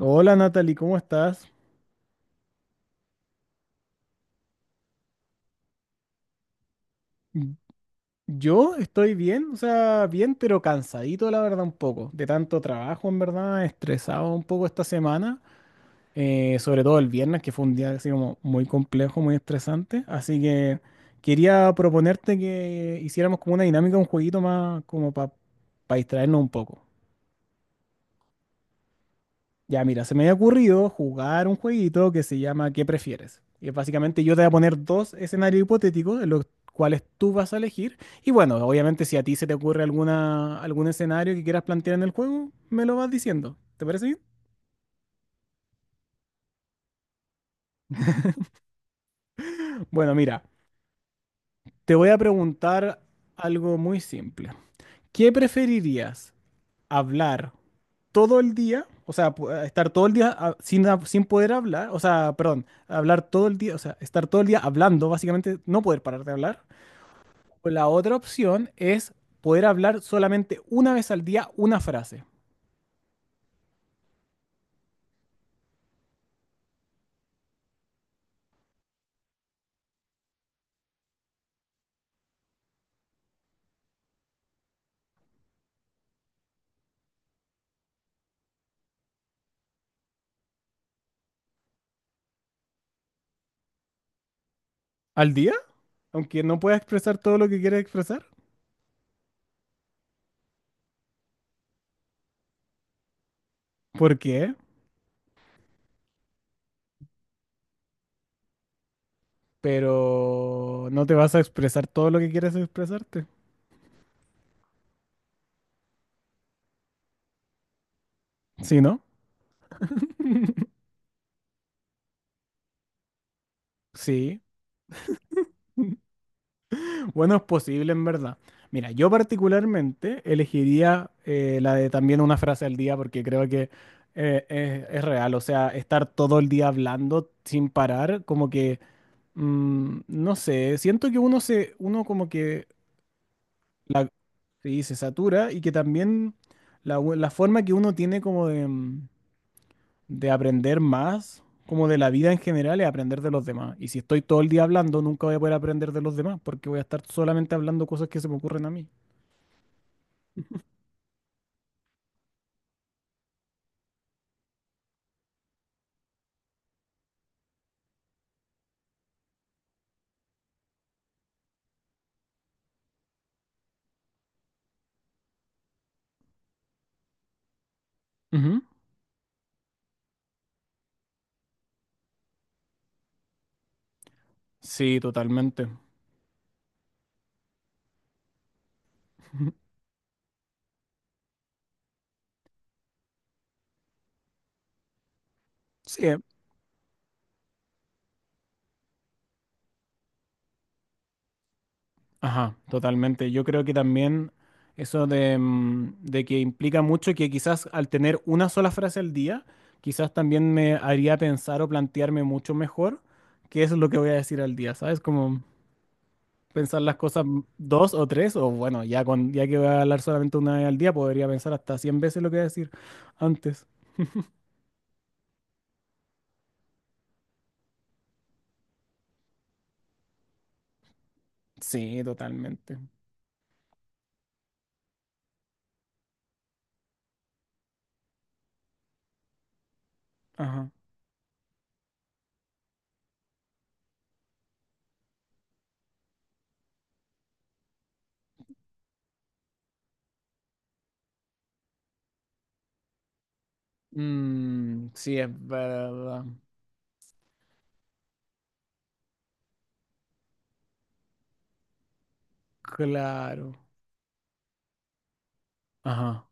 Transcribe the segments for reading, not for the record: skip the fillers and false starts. Hola Natalie, ¿cómo estás? Mm. Yo estoy bien, o sea, bien, pero cansadito, la verdad, un poco. De tanto trabajo, en verdad, estresado un poco esta semana. Sobre todo el viernes, que fue un día así como muy complejo, muy estresante. Así que quería proponerte que hiciéramos como una dinámica, un jueguito más como para distraernos un poco. Ya, mira, se me había ocurrido jugar un jueguito que se llama ¿Qué prefieres? Y básicamente yo te voy a poner dos escenarios hipotéticos en los cuales tú vas a elegir. Y bueno, obviamente si a ti se te ocurre alguna, algún escenario que quieras plantear en el juego, me lo vas diciendo. ¿Te parece bien? Bueno, mira, te voy a preguntar algo muy simple. ¿Qué preferirías? ¿Hablar todo el día? O sea, estar todo el día sin, sin poder hablar. O sea, perdón, hablar todo el día, o sea, estar todo el día hablando, básicamente no poder parar de hablar. O la otra opción es poder hablar solamente una vez al día una frase. ¿Al día? Aunque no puedas expresar todo lo que quieres expresar. ¿Por qué? Pero no te vas a expresar todo lo que quieres expresarte. ¿Sí, no? Sí. Bueno, es posible en verdad. Mira, yo particularmente elegiría la de también una frase al día porque creo que es real. O sea, estar todo el día hablando sin parar, como que, no sé, siento que uno como que… La, sí, se satura y que también la forma que uno tiene como de, de aprender más, como de la vida en general, es aprender de los demás. Y si estoy todo el día hablando, nunca voy a poder aprender de los demás porque voy a estar solamente hablando cosas que se me ocurren a mí. Ujú. Sí, totalmente. Sí, ajá, totalmente. Yo creo que también eso de, de que implica mucho que quizás al tener una sola frase al día, quizás también me haría pensar o plantearme mucho mejor qué es lo que voy a decir al día, ¿sabes? Como pensar las cosas dos o tres, o bueno, ya, con, ya que voy a hablar solamente una vez al día, podría pensar hasta cien veces lo que voy a decir antes. Sí, totalmente. Ajá. Mm, sí, es verdad. Claro. Ajá.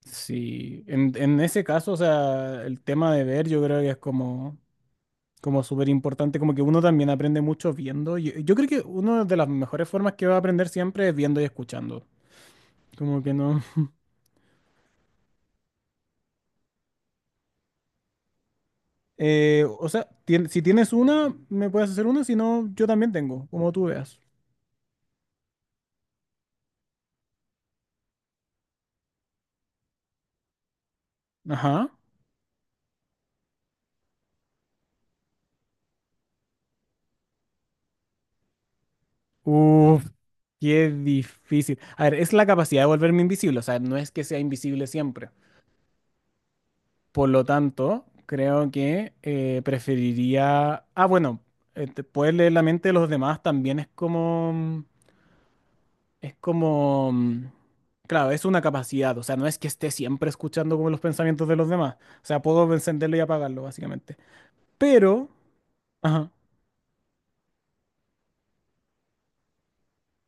Sí, en ese caso, o sea, el tema de ver yo creo que es como, como súper importante, como que uno también aprende mucho viendo. Yo creo que una de las mejores formas que va a aprender siempre es viendo y escuchando. Como que no. O sea, tien- si tienes una, me puedes hacer una, si no, yo también tengo, como tú veas. Ajá. Uf, qué difícil. A ver, es la capacidad de volverme invisible, o sea, no es que sea invisible siempre. Por lo tanto, creo que preferiría. Ah, bueno, poder leer la mente de los demás también es como… Es como… Claro, es una capacidad. O sea, no es que esté siempre escuchando como los pensamientos de los demás. O sea, puedo encenderlo y apagarlo, básicamente. Pero… Ajá.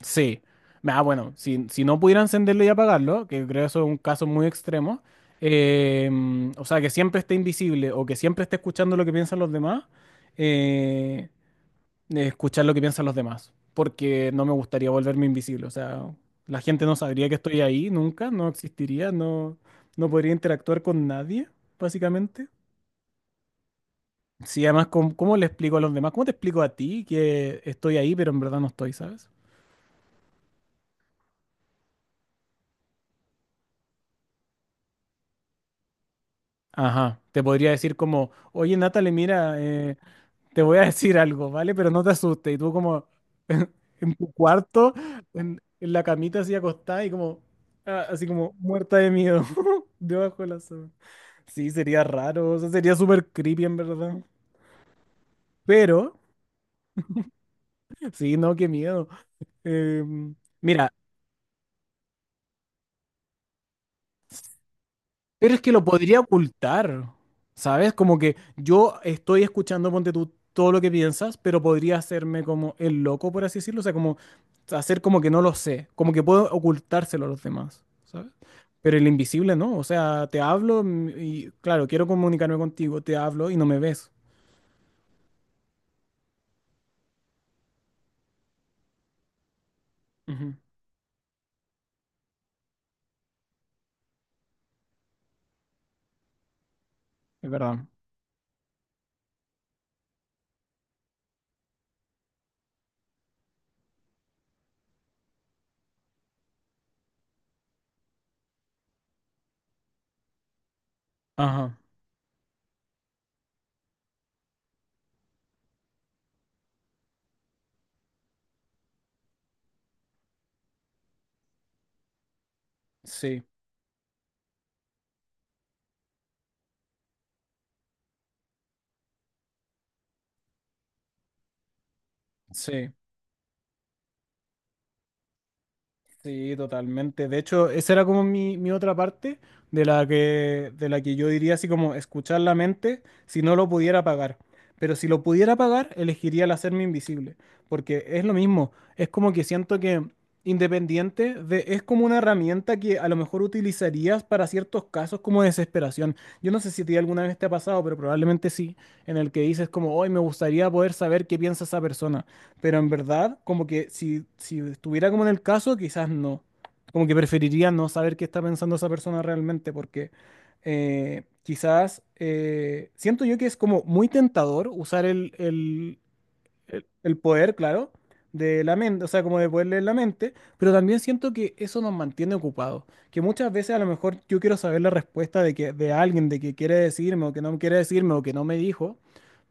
Sí. Ah, bueno, si, si no pudiera encenderlo y apagarlo, que creo eso es un caso muy extremo. O sea, que siempre esté invisible o que siempre esté escuchando lo que piensan los demás. eh, de escuchar lo que piensan los demás, porque no me gustaría volverme invisible. O sea, la gente no sabría que estoy ahí nunca, no existiría, no, no podría interactuar con nadie, básicamente. Sí, además, ¿cómo, cómo le explico a los demás? ¿Cómo te explico a ti que estoy ahí, pero en verdad no estoy, ¿sabes? Ajá, te podría decir como, oye, Natalie, mira, te voy a decir algo, ¿vale? Pero no te asustes. Y tú como en, tu cuarto, en la camita así acostada y como, ah, así como muerta de miedo, debajo de la sábana. Sí, sería raro, o sea, sería súper creepy en verdad. Pero, sí, no, qué miedo. Em, Mira, pero es que lo podría ocultar, ¿sabes? Como que yo estoy escuchando, ponte tú, todo lo que piensas, pero podría hacerme como el loco, por así decirlo, o sea, como hacer como que no lo sé, como que puedo ocultárselo a los demás, ¿sabes? Pero el invisible no, o sea, te hablo y, claro, quiero comunicarme contigo, te hablo y no me ves. Ujú, es verdad. Ajá, sí, sí. Sí, totalmente. De hecho, esa era como mi otra parte de la que yo diría así como escuchar la mente si no lo pudiera pagar. Pero si lo pudiera pagar, elegiría el hacerme invisible. Porque es lo mismo. Es como que siento que independiente de, es como una herramienta que a lo mejor utilizarías para ciertos casos como desesperación. Yo no sé si a ti alguna vez te ha pasado, pero probablemente sí, en el que dices como, hoy me gustaría poder saber qué piensa esa persona, pero en verdad, como que si, si estuviera como en el caso, quizás no. Como que preferiría no saber qué está pensando esa persona realmente, porque quizás siento yo que es como muy tentador usar el poder, claro, de la mente, o sea, como de poder leer la mente, pero también siento que eso nos mantiene ocupados, que muchas veces a lo mejor yo quiero saber la respuesta de que de alguien de que quiere decirme o que no quiere decirme o que no me dijo,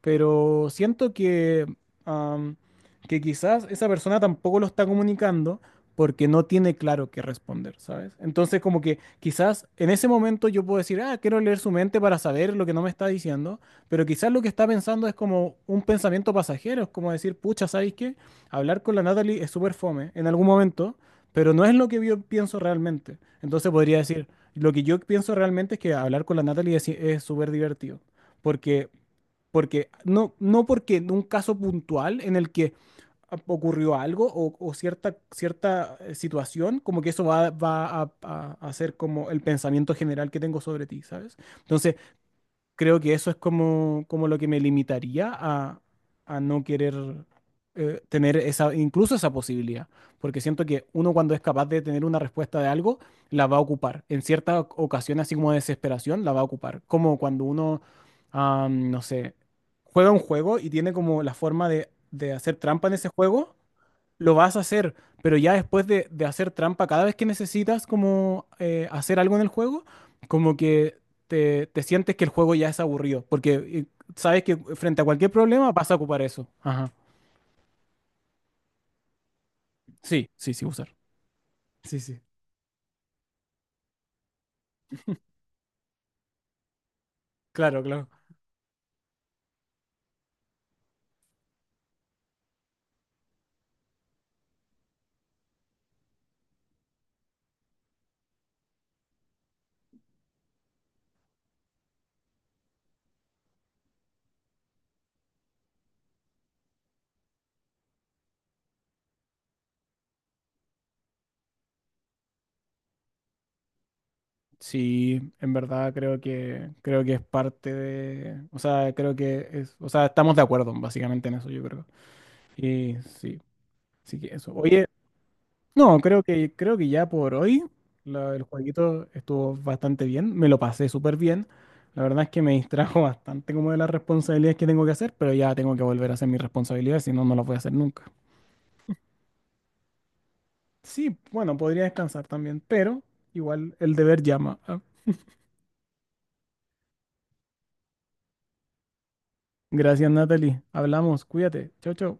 pero siento que am, que quizás esa persona tampoco lo está comunicando porque no tiene claro qué responder, ¿sabes? Entonces como que quizás en ese momento yo puedo decir, ah, quiero leer su mente para saber lo que no me está diciendo, pero quizás lo que está pensando es como un pensamiento pasajero, es como decir, pucha, ¿sabéis qué? Hablar con la Natalie es súper fome en algún momento, pero no es lo que yo pienso realmente. Entonces podría decir, lo que yo pienso realmente es que hablar con la Natalie es súper divertido, porque, porque no, no porque en un caso puntual en el que ocurrió algo o cierta, cierta situación, como que eso a ser como el pensamiento general que tengo sobre ti, ¿sabes? Entonces, creo que eso es como, como lo que me limitaría a no querer tener esa, incluso esa posibilidad, porque siento que uno cuando es capaz de tener una respuesta de algo, la va a ocupar. En cierta ocasión, así como de desesperación, la va a ocupar. Como cuando uno, ah, no sé, juega un juego y tiene como la forma de hacer trampa en ese juego, lo vas a hacer, pero ya después de hacer trampa cada vez que necesitas como hacer algo en el juego, como que te sientes que el juego ya es aburrido, porque sabes que frente a cualquier problema vas a ocupar eso. Ajá. Sí, sí, sí, usar. Sí, sí. Claro, claro. Sí, en verdad creo que es parte de, o sea, creo que es, o sea, estamos de acuerdo básicamente en eso, yo creo. Y sí, sí que eso. Oye, no, creo que ya por hoy el jueguito estuvo bastante bien, me lo pasé súper bien. La verdad es que me distrajo bastante como de las responsabilidades que tengo que hacer, pero ya tengo que volver a hacer mis responsabilidades, si no, no las voy a hacer nunca. Sí, bueno, podría descansar también, pero igual el deber llama. Ah, gracias, Natalie. Hablamos, cuídate. Chau, chau.